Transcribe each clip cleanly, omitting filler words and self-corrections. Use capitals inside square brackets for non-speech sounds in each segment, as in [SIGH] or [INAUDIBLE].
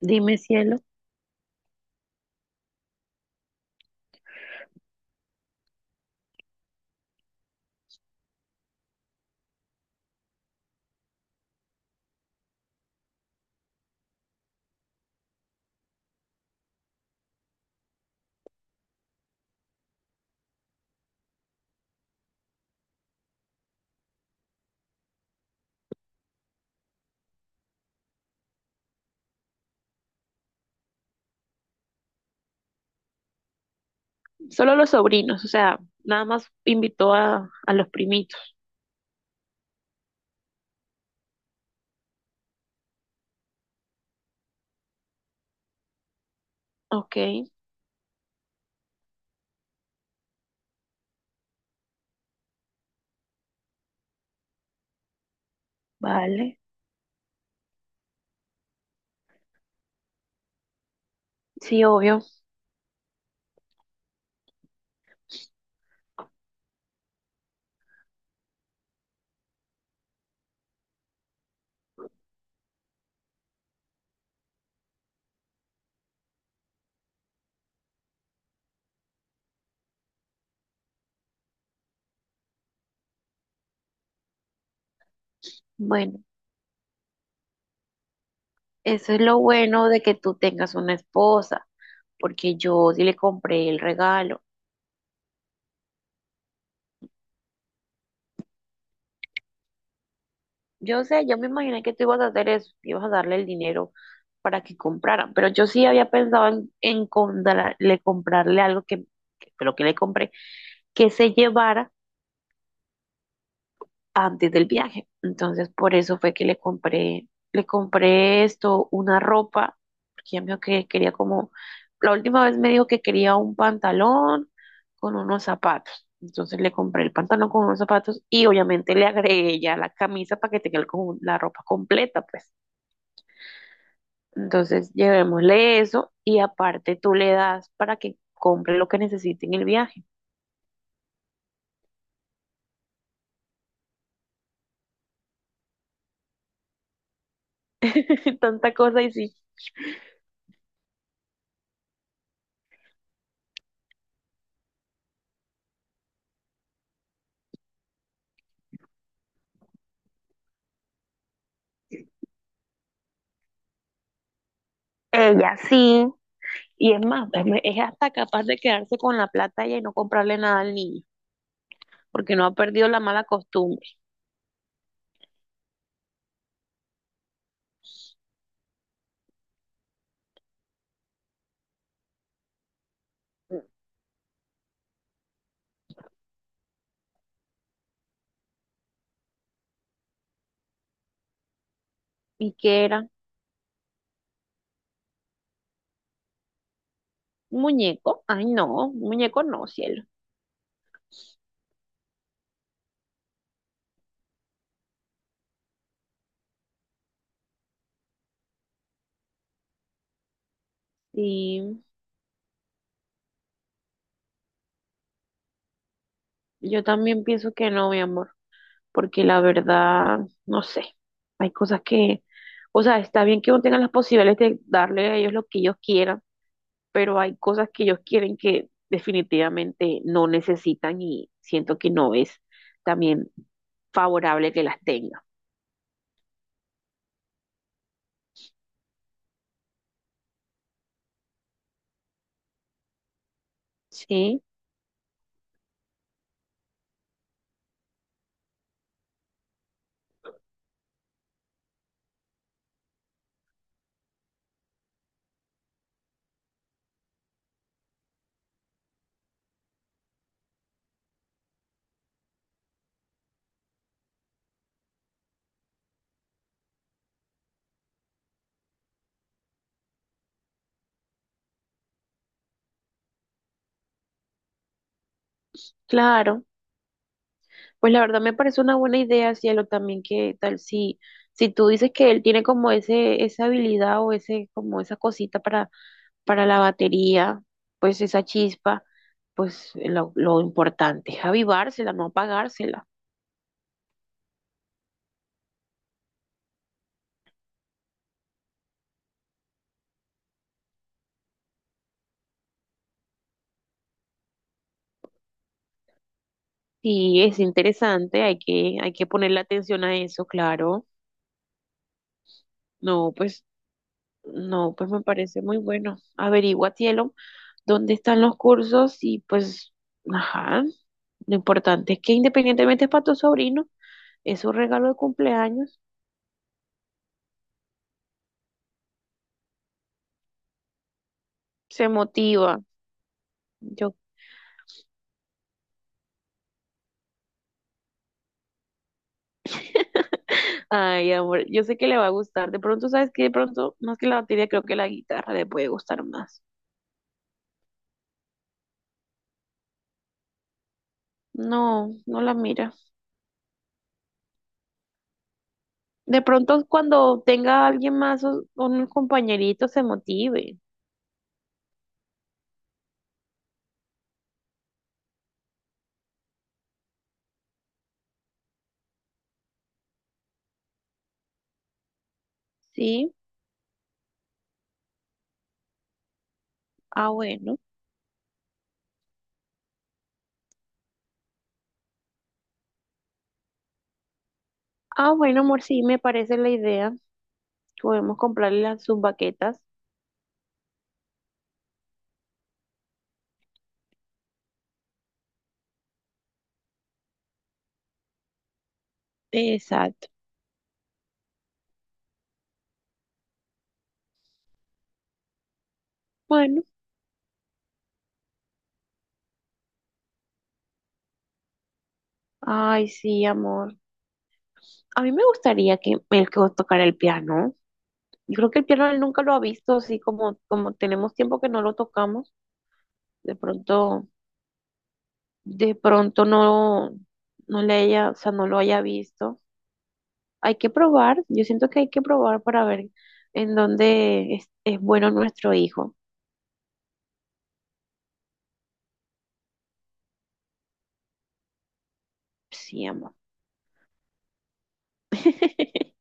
Dime, cielo. Solo los sobrinos, o sea, nada más invitó a los primitos. Ok, vale. Sí, obvio. Bueno, eso es lo bueno de que tú tengas una esposa, porque yo sí le compré el regalo. Yo sé, yo me imaginé que tú ibas a hacer eso, que ibas a darle el dinero para que compraran, pero yo sí había pensado en comprarle algo que fue lo que le compré, que se llevara antes del viaje. Entonces, por eso fue que le compré esto, una ropa, porque ella me dijo que quería como, la última vez me dijo que quería un pantalón con unos zapatos. Entonces le compré el pantalón con unos zapatos y obviamente le agregué ya la camisa para que tenga el la ropa completa, pues. Entonces, llevémosle eso y aparte tú le das para que compre lo que necesite en el viaje. [LAUGHS] Tanta cosa y sí, ella sí. Y es más, es hasta capaz de quedarse con la plata ella y no comprarle nada al niño, porque no ha perdido la mala costumbre. ¿Y qué era? ¿Un muñeco? Ay, no, un muñeco no, cielo. Y yo también pienso que no, mi amor, porque la verdad, no sé, hay cosas que, o sea, está bien que uno tenga las posibilidades de darle a ellos lo que ellos quieran, pero hay cosas que ellos quieren que definitivamente no necesitan y siento que no es también favorable que las tenga. Sí, claro. Pues la verdad me parece una buena idea, cielo, también que tal si, si tú dices que él tiene como ese, esa habilidad o ese, como esa cosita para la batería, pues esa chispa, pues lo importante es avivársela, no apagársela. Sí, es interesante, hay que ponerle atención a eso, claro. No, pues no, pues me parece muy bueno. Averigua, cielo, dónde están los cursos y pues, ajá, lo importante es que independientemente es para tu sobrino, es un regalo de cumpleaños, se motiva. Yo, [LAUGHS] ay, amor, yo sé que le va a gustar. De pronto, ¿sabes qué? De pronto, más que la batería, creo que la guitarra le puede gustar más. No, no la mira. De pronto, cuando tenga a alguien más o un compañerito, se motive. ¿Sí? Ah, bueno. Ah, bueno, amor, sí, me parece la idea. Podemos comprarle las, sus baquetas. Exacto. Bueno, ay, sí, amor. A mí me gustaría que él que tocara el piano. Yo creo que el piano él nunca lo ha visto, así como, como tenemos tiempo que no lo tocamos. De pronto, de pronto no, no le haya, o sea, no lo haya visto. Hay que probar. Yo siento que hay que probar para ver en dónde es bueno nuestro hijo. Sí, amor. [LAUGHS]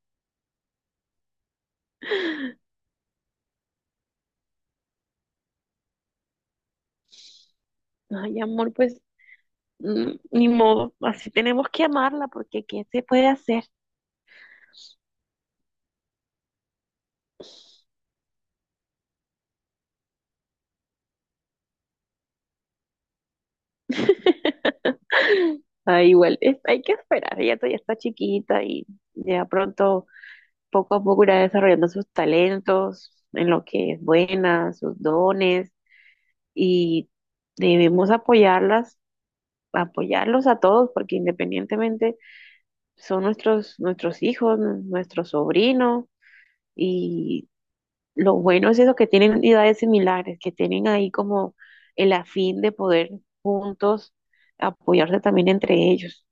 Ay, amor, pues mm, ni modo, así tenemos que amarla porque ¿qué se puede hacer? [LAUGHS] Ah, igual, hay que esperar, ella todavía está chiquita y ya pronto, poco a poco irá desarrollando sus talentos, en lo que es buena, sus dones, y debemos apoyarlas, apoyarlos a todos, porque independientemente son nuestros, nuestros hijos, nuestros sobrinos, y lo bueno es eso, que tienen edades similares, que tienen ahí como el afín de poder juntos apoyarse también entre ellos.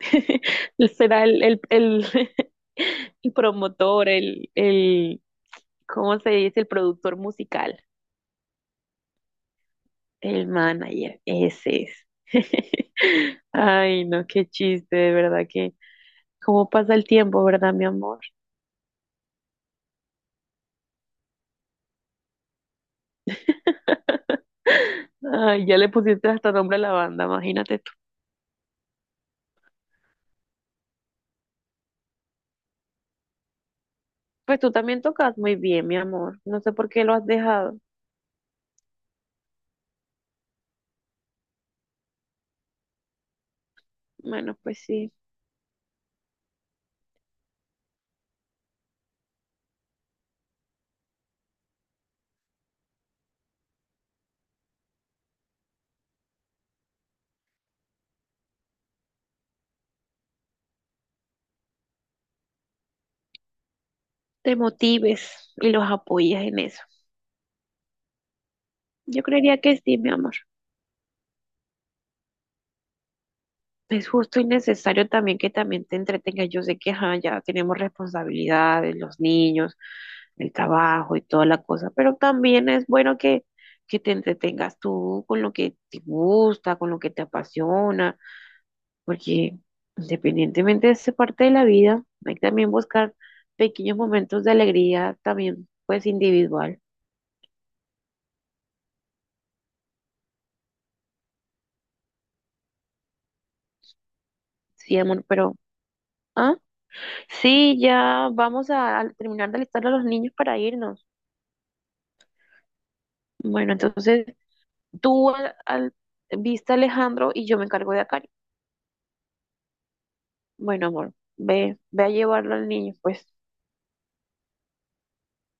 [LAUGHS] Será el, [LAUGHS] el promotor, el, ¿cómo se dice? El productor musical, el manager, ese es. [LAUGHS] Ay, no, qué chiste, de verdad que, ¿cómo pasa el tiempo, verdad, mi amor? [LAUGHS] Ay, ya le pusiste hasta nombre a la banda, imagínate. Pues tú también tocas muy bien, mi amor. No sé por qué lo has dejado. Bueno, pues sí, te motives y los apoyas en eso. Yo creería que sí, mi amor. Es justo y necesario también que también te entretengas. Yo sé que ajá, ya tenemos responsabilidades, los niños, el trabajo y toda la cosa, pero también es bueno que te entretengas tú con lo que te gusta, con lo que te apasiona, porque independientemente de esa parte de la vida, hay que también buscar pequeños momentos de alegría, también pues individual, sí, amor, pero... Ah, sí, ya vamos a terminar de alistar a los niños para irnos. Bueno, entonces tú viste a Alejandro y yo me encargo de acá. Bueno, amor, ve, ve a llevarlo al niño, pues.